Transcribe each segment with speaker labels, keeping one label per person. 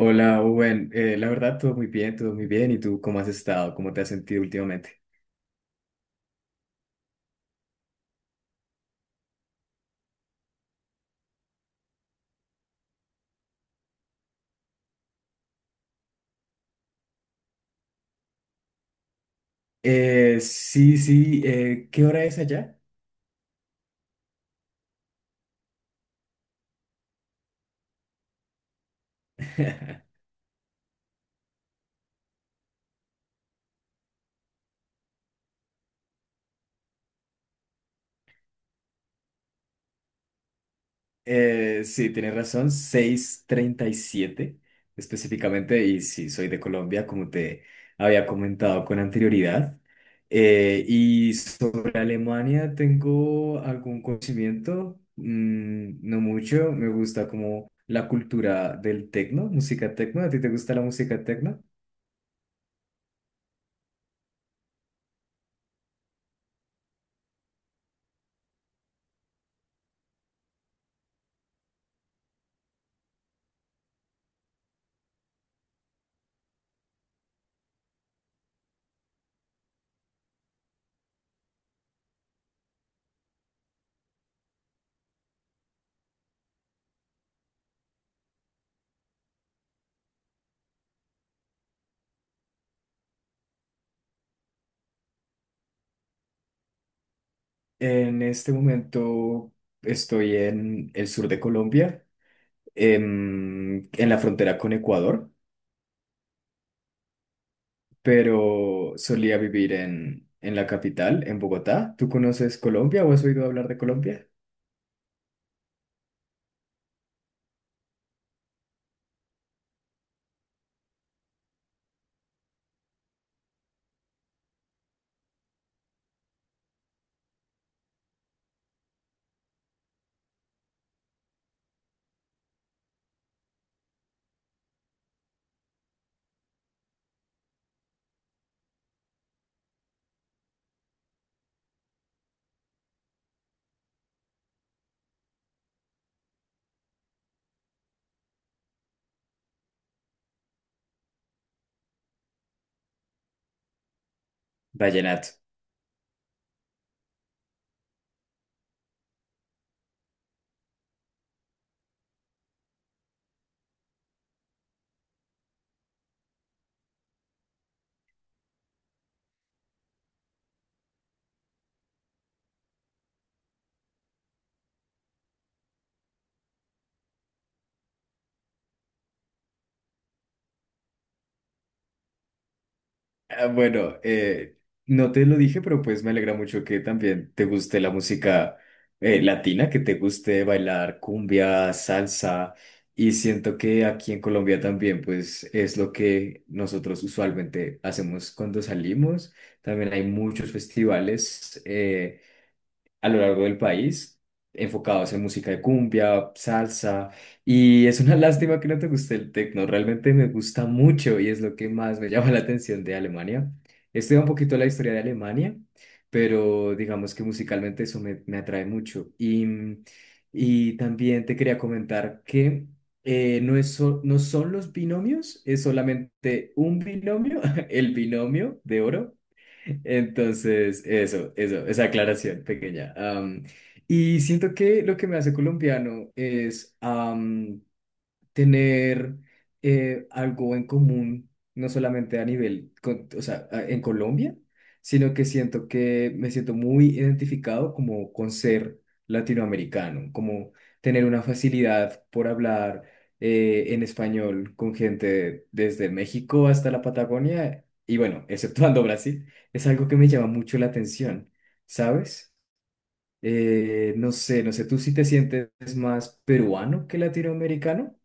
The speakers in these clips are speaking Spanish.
Speaker 1: Hola, Owen. La verdad, todo muy bien, todo muy bien. ¿Y tú cómo has estado? ¿Cómo te has sentido últimamente? Sí, sí. ¿Qué hora es allá? Sí, tienes razón, 6:37, específicamente. Y sí, soy de Colombia, como te había comentado con anterioridad. Y sobre Alemania, tengo algún conocimiento, no mucho. Me gusta como la cultura del tecno, música tecno. ¿A ti te gusta la música tecno? En este momento estoy en el sur de Colombia, en, la frontera con Ecuador, pero solía vivir en la capital, en Bogotá. ¿Tú conoces Colombia o has oído hablar de Colombia? Vallenato. Ah, bueno, no te lo dije, pero pues me alegra mucho que también te guste la música latina, que te guste bailar cumbia, salsa, y siento que aquí en Colombia también pues es lo que nosotros usualmente hacemos cuando salimos. También hay muchos festivales. A lo largo del país, enfocados en música de cumbia, salsa, y es una lástima que no te guste el techno, realmente me gusta mucho y es lo que más me llama la atención de Alemania. Estudié un poquito la historia de Alemania, pero digamos que musicalmente eso me, me atrae mucho. Y, y también te quería comentar que... No es no son los binomios, es solamente un binomio, el binomio de oro, entonces, eso, esa aclaración pequeña. Y siento que lo que me hace colombiano es tener algo en común, no solamente a nivel, o sea, en Colombia, sino que siento que me siento muy identificado como con ser latinoamericano, como tener una facilidad por hablar en español con gente desde México hasta la Patagonia, y bueno, exceptuando Brasil, es algo que me llama mucho la atención, ¿sabes? No sé, ¿tú sí te sientes más peruano que latinoamericano?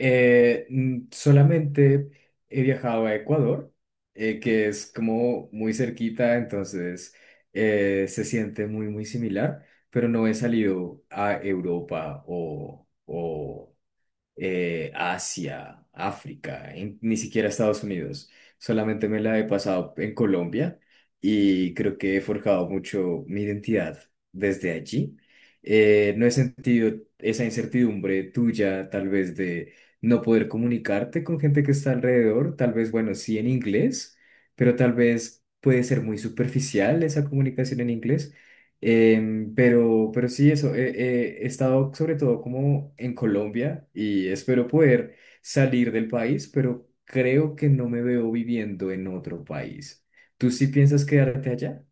Speaker 1: Solamente he viajado a Ecuador, que es como muy cerquita, entonces se siente muy, muy similar, pero no he salido a Europa o Asia, África, ni siquiera Estados Unidos. Solamente me la he pasado en Colombia y creo que he forjado mucho mi identidad desde allí. No he sentido esa incertidumbre tuya, tal vez de no poder comunicarte con gente que está alrededor, tal vez, bueno, sí en inglés, pero tal vez puede ser muy superficial esa comunicación en inglés. Pero sí, eso, he estado sobre todo como en Colombia y espero poder salir del país, pero creo que no me veo viviendo en otro país. ¿Tú sí piensas quedarte allá?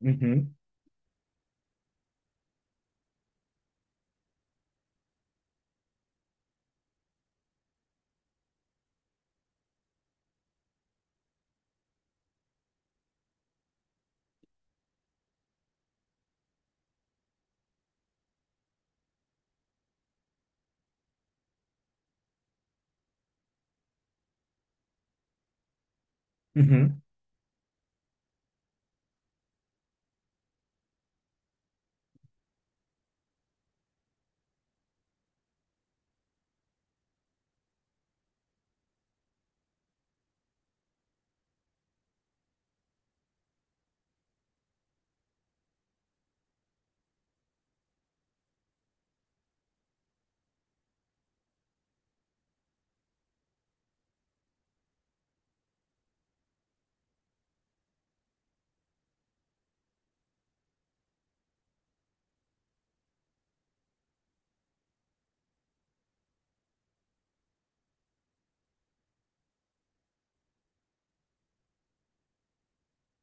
Speaker 1: Ujú, ujú.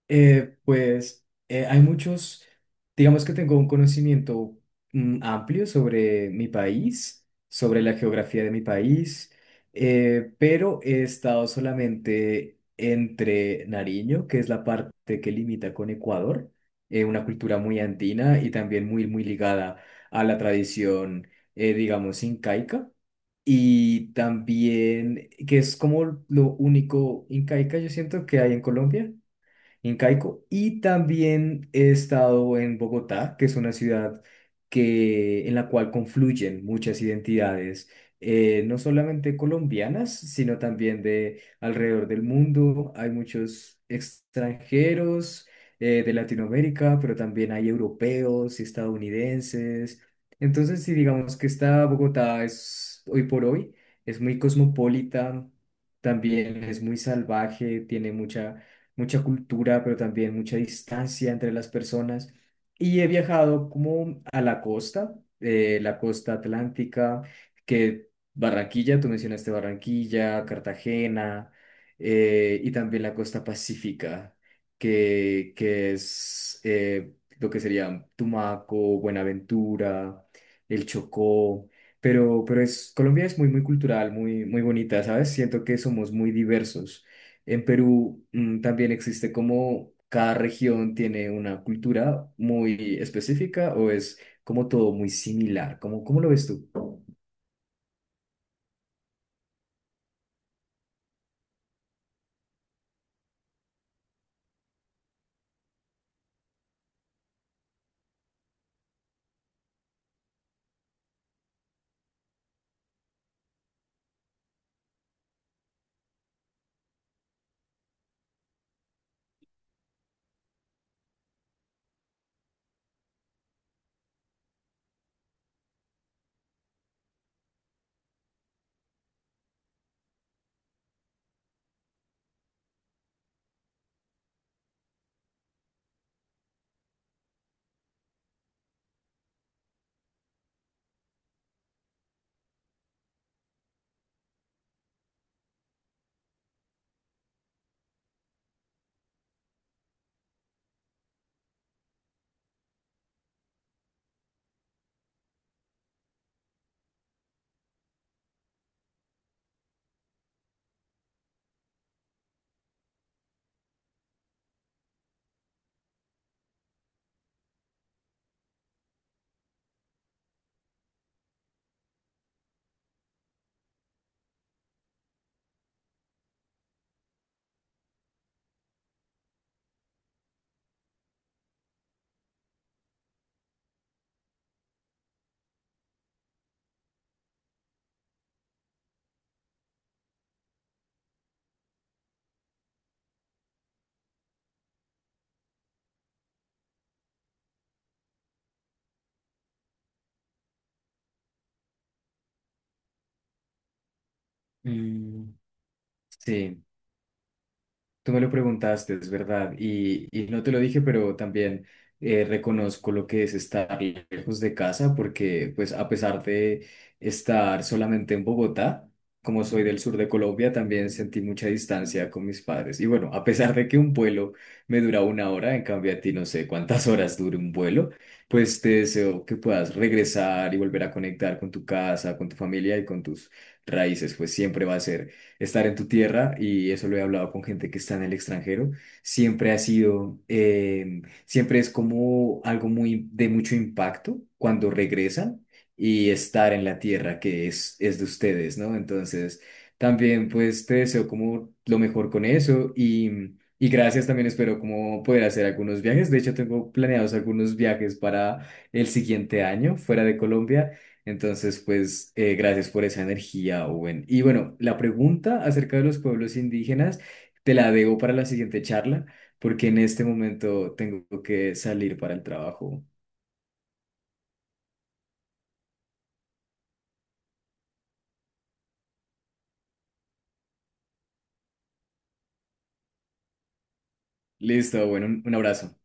Speaker 1: Pues hay muchos, digamos que tengo un conocimiento amplio sobre mi país, sobre la geografía de mi país, pero he estado solamente entre Nariño, que es la parte que limita con Ecuador, una cultura muy andina y también muy, muy ligada a la tradición, digamos, incaica. Y también, que es como lo único incaica yo siento que hay en Colombia incaico. Y también he estado en Bogotá, que es una ciudad que, en la cual confluyen muchas identidades, no solamente colombianas, sino también de alrededor del mundo. Hay muchos extranjeros de Latinoamérica, pero también hay europeos y estadounidenses. Entonces, si digamos que esta Bogotá es hoy por hoy, es muy cosmopolita, también es muy salvaje, tiene mucha cultura, pero también mucha distancia entre las personas. Y he viajado como a la costa atlántica, que Barranquilla, tú mencionaste Barranquilla, Cartagena, y también la costa pacífica, que es lo que sería Tumaco, Buenaventura, el Chocó. Pero es, Colombia es muy, muy cultural, muy, muy bonita, ¿sabes? Siento que somos muy diversos. En Perú también existe como cada región tiene una cultura muy específica o es como todo muy similar. Cómo lo ves tú? Mm, Sí. Tú me lo preguntaste, es verdad, y no te lo dije, pero también reconozco lo que es estar lejos de casa, porque pues a pesar de estar solamente en Bogotá, como soy del sur de Colombia, también sentí mucha distancia con mis padres. Y bueno, a pesar de que un vuelo me dura una hora, en cambio a ti no sé cuántas horas dure un vuelo, pues te deseo que puedas regresar y volver a conectar con tu casa, con tu familia y con tus raíces, pues siempre va a ser estar en tu tierra, y eso lo he hablado con gente que está en el extranjero, siempre ha sido, siempre es como algo muy de mucho impacto cuando regresan y estar en la tierra que es de ustedes, ¿no? Entonces, también pues te deseo como lo mejor con eso y... Y gracias también, espero como poder hacer algunos viajes. De hecho, tengo planeados algunos viajes para el siguiente año fuera de Colombia. Entonces, pues, gracias por esa energía, Owen. Y bueno, la pregunta acerca de los pueblos indígenas te la debo para la siguiente charla, porque en este momento tengo que salir para el trabajo. Listo, bueno, un abrazo.